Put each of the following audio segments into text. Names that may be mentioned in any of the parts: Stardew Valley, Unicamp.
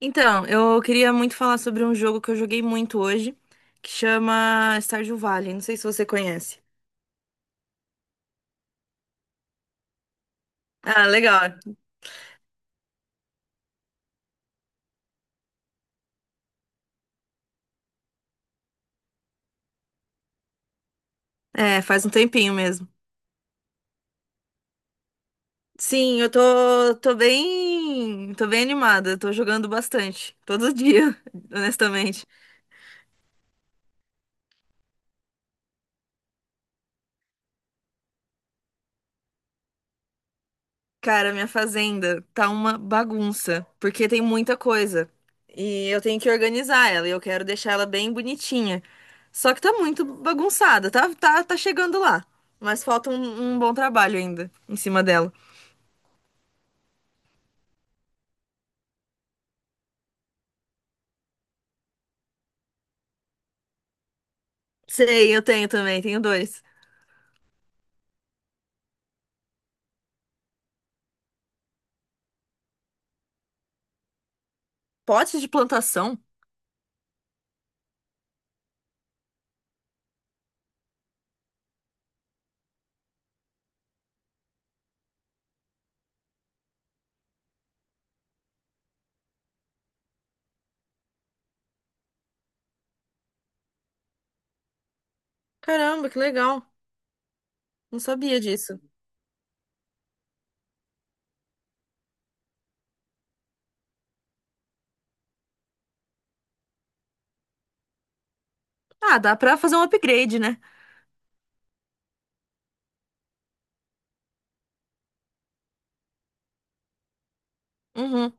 Então, eu queria muito falar sobre um jogo que eu joguei muito hoje, que chama Stardew Valley. Não sei se você conhece. Ah, legal. É, faz um tempinho mesmo. Sim, eu tô bem animada, tô jogando bastante, todo dia, honestamente. Cara, minha fazenda tá uma bagunça, porque tem muita coisa. E eu tenho que organizar ela, e eu quero deixar ela bem bonitinha. Só que tá muito bagunçada, tá chegando lá. Mas falta um bom trabalho ainda em cima dela. Sei, eu tenho também, tenho dois. Potes de plantação? Caramba, que legal. Não sabia disso. Ah, dá pra fazer um upgrade, né? Uhum.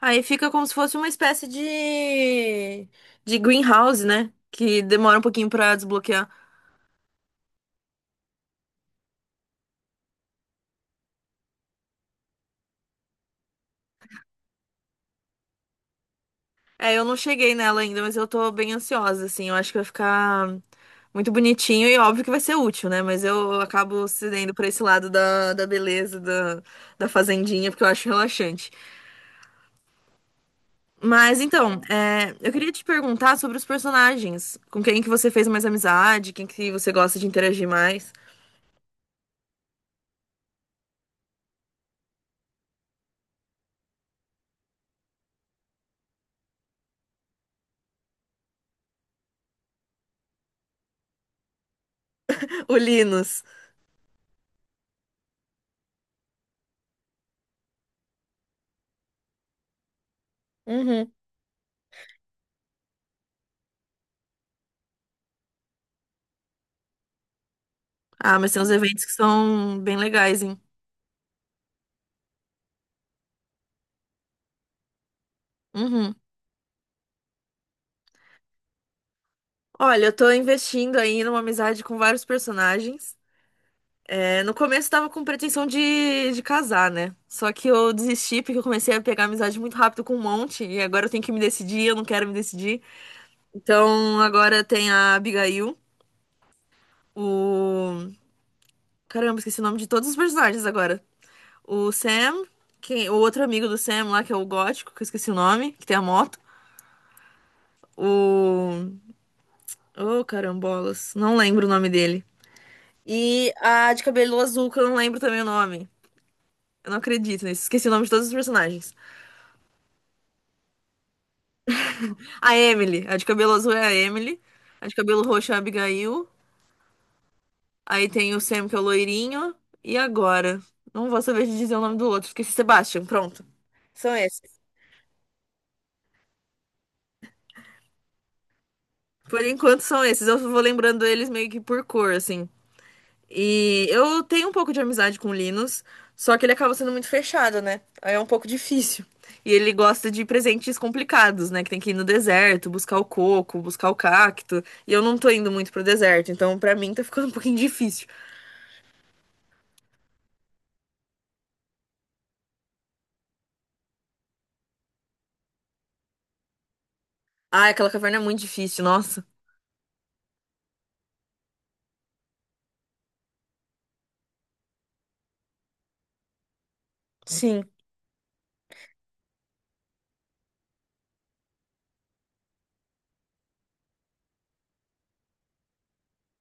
Aí fica como se fosse uma espécie de greenhouse, né? Que demora um pouquinho pra desbloquear. É, eu não cheguei nela ainda, mas eu tô bem ansiosa, assim. Eu acho que vai ficar muito bonitinho e óbvio que vai ser útil, né? Mas eu acabo cedendo pra esse lado da beleza, da fazendinha, porque eu acho relaxante. Mas então, é, eu queria te perguntar sobre os personagens. Com quem que você fez mais amizade? Quem que você gosta de interagir mais? O Linus. Uhum. Ah, mas tem uns eventos que são bem legais, hein? Uhum. Olha, eu tô investindo aí numa amizade com vários personagens. É, no começo tava com pretensão de casar, né? Só que eu desisti porque eu comecei a pegar amizade muito rápido com um monte e agora eu tenho que me decidir, eu não quero me decidir. Então agora tem a Abigail, o. Caramba, esqueci o nome de todos os personagens agora. O Sam, quem... o outro amigo do Sam lá, que é o gótico, que eu esqueci o nome, que tem a moto. O. Oh, carambolas, não lembro o nome dele. E a de cabelo azul, que eu não lembro também o nome. Eu não acredito nisso, esqueci o nome de todos os personagens. A Emily. A de cabelo azul é a Emily. A de cabelo roxo é a Abigail. Aí tem o Sam, que é o loirinho. E agora? Não vou saber te dizer o nome do outro. Esqueci Sebastian. Pronto. São esses. Por enquanto são esses. Eu vou lembrando eles meio que por cor, assim. E eu tenho um pouco de amizade com o Linus, só que ele acaba sendo muito fechado, né? Aí é um pouco difícil. E ele gosta de presentes complicados, né? Que tem que ir no deserto, buscar o coco, buscar o cacto. E eu não tô indo muito pro deserto, então pra mim tá ficando um pouquinho difícil. Ah, aquela caverna é muito difícil, nossa. Sim.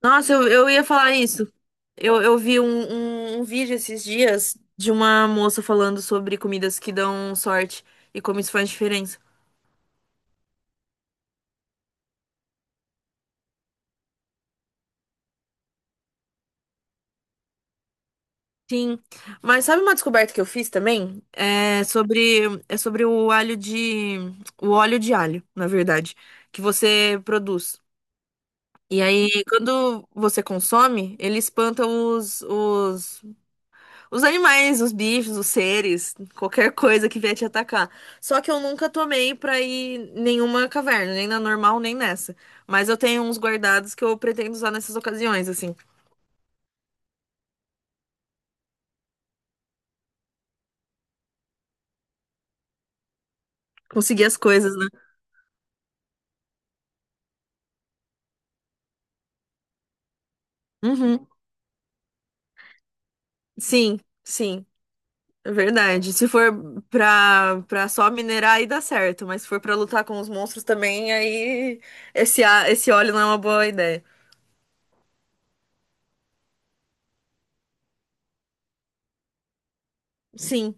Nossa, eu ia falar isso. Eu vi um vídeo esses dias de uma moça falando sobre comidas que dão sorte e como isso faz diferença. Sim, mas sabe uma descoberta que eu fiz também? É sobre o óleo de alho, na verdade, que você produz. E aí, quando você consome, ele espanta os animais, os bichos, os seres, qualquer coisa que vier te atacar. Só que eu nunca tomei pra ir em nenhuma caverna, nem na normal, nem nessa. Mas eu tenho uns guardados que eu pretendo usar nessas ocasiões, assim. Conseguir as coisas, né? Uhum. Sim, sim, é verdade. Se for pra só minerar, aí dá certo. Mas se for pra lutar com os monstros também, aí esse óleo não é uma boa ideia. Sim,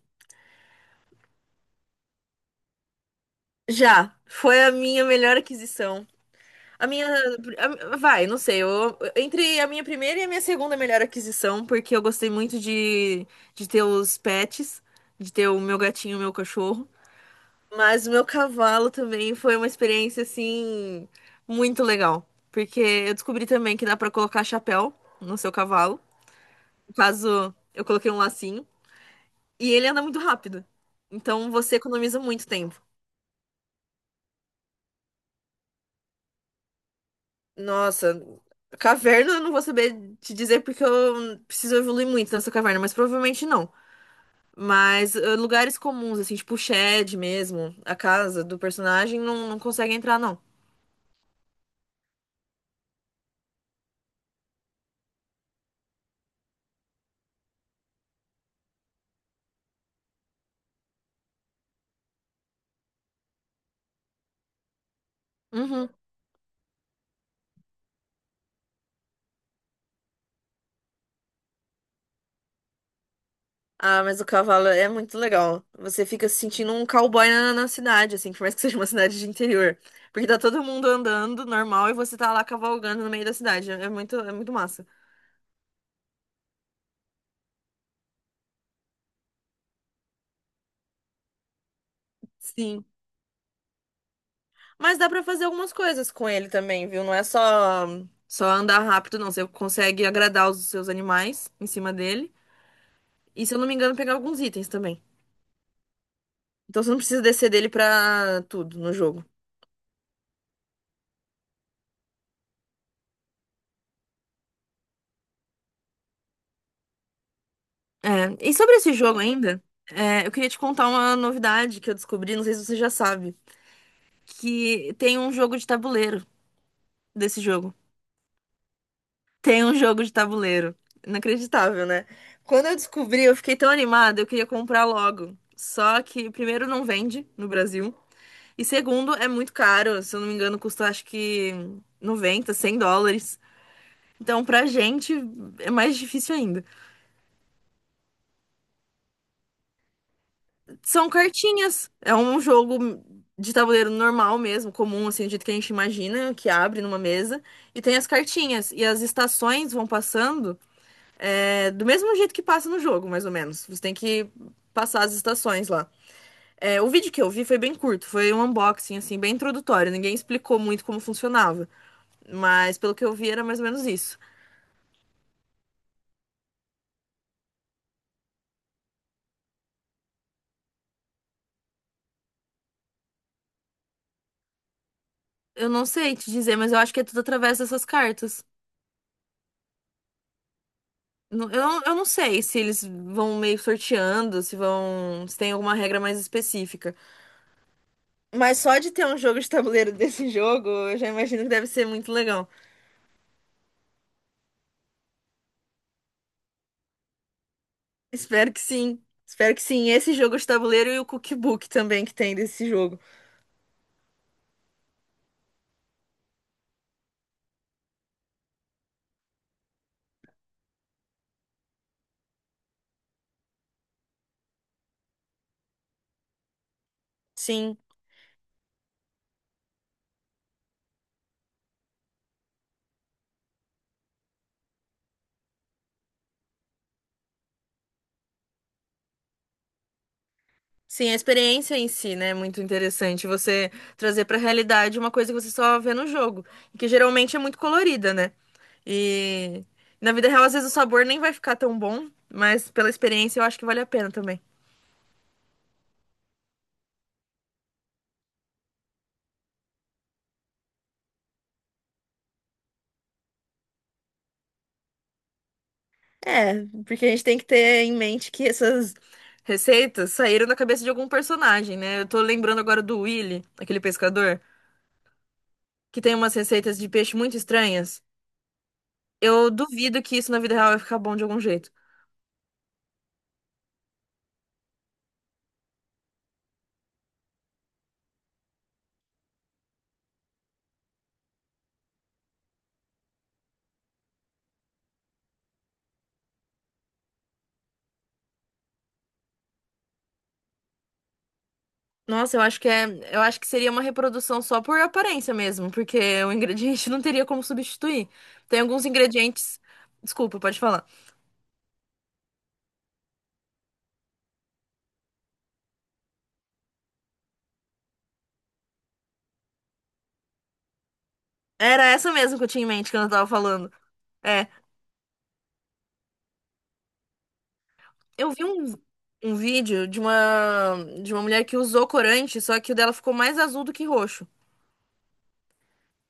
já. Foi a minha melhor aquisição. A minha. Vai, não sei. Eu, entre a minha primeira e a minha segunda melhor aquisição, porque eu gostei muito de ter os pets, de ter o meu gatinho e o meu cachorro. Mas o meu cavalo também foi uma experiência, assim, muito legal. Porque eu descobri também que dá pra colocar chapéu no seu cavalo. No caso, eu coloquei um lacinho. E ele anda muito rápido. Então você economiza muito tempo. Nossa, caverna eu não vou saber te dizer porque eu preciso evoluir muito nessa caverna, mas provavelmente não. Mas eh, lugares comuns, assim, tipo o shed mesmo, a casa do personagem, não, não consegue entrar, não. Uhum. Ah, mas o cavalo é muito legal. Você fica se sentindo um cowboy na cidade, assim, por mais que seja uma cidade de interior. Porque tá todo mundo andando normal e você tá lá cavalgando no meio da cidade. É muito massa. Sim. Mas dá pra fazer algumas coisas com ele também, viu? Não é só andar rápido, não. Você consegue agradar os seus animais em cima dele. E se eu não me engano, pegar alguns itens também. Então você não precisa descer dele pra tudo no jogo. É, e sobre esse jogo ainda, é, eu queria te contar uma novidade que eu descobri, não sei se você já sabe, que tem um jogo de tabuleiro desse jogo. Tem um jogo de tabuleiro. Inacreditável, né? Quando eu descobri, eu fiquei tão animada, eu queria comprar logo. Só que primeiro não vende no Brasil. E segundo, é muito caro. Se eu não me engano, custa acho que 90, US$ 100. Então, pra gente, é mais difícil ainda. São cartinhas. É um jogo de tabuleiro normal mesmo, comum, assim, do jeito que a gente imagina, que abre numa mesa. E tem as cartinhas. E as estações vão passando é, do mesmo jeito que passa no jogo, mais ou menos. Você tem que passar as estações lá. É, o vídeo que eu vi foi bem curto, foi um unboxing, assim, bem introdutório. Ninguém explicou muito como funcionava. Mas pelo que eu vi, era mais ou menos isso. Eu não sei te dizer, mas eu acho que é tudo através dessas cartas. Eu não sei se eles vão meio sorteando, se vão, se tem alguma regra mais específica. Mas só de ter um jogo de tabuleiro desse jogo, eu já imagino que deve ser muito legal. Espero que sim. Espero que sim. Esse jogo de tabuleiro e o cookbook também que tem desse jogo. Sim. Sim, a experiência em si, né, é muito interessante você trazer pra realidade uma coisa que você só vê no jogo, e que geralmente é muito colorida, né? E na vida real, às vezes o sabor nem vai ficar tão bom, mas pela experiência eu acho que vale a pena também. É, porque a gente tem que ter em mente que essas receitas saíram da cabeça de algum personagem, né? Eu tô lembrando agora do Willy, aquele pescador, que tem umas receitas de peixe muito estranhas. Eu duvido que isso na vida real vai ficar bom de algum jeito. Nossa, eu acho que é, eu acho que seria uma reprodução só por aparência mesmo, porque o ingrediente não teria como substituir. Tem alguns ingredientes. Desculpa, pode falar. Era essa mesmo que eu tinha em mente quando eu tava falando. É, eu vi um vídeo de uma mulher que usou corante, só que o dela ficou mais azul do que roxo.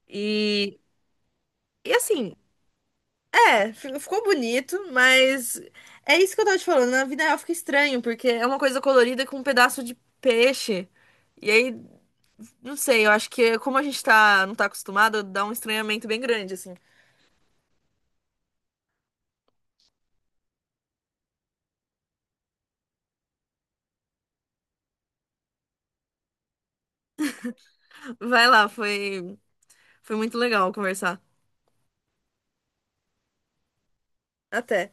E e assim, é, ficou bonito, mas é isso que eu tava te falando. Na vida real fica estranho, porque é uma coisa colorida com um pedaço de peixe. E aí não sei, eu acho que como a gente tá, não tá acostumado, dá um estranhamento bem grande, assim. Vai lá, foi muito legal conversar. Até.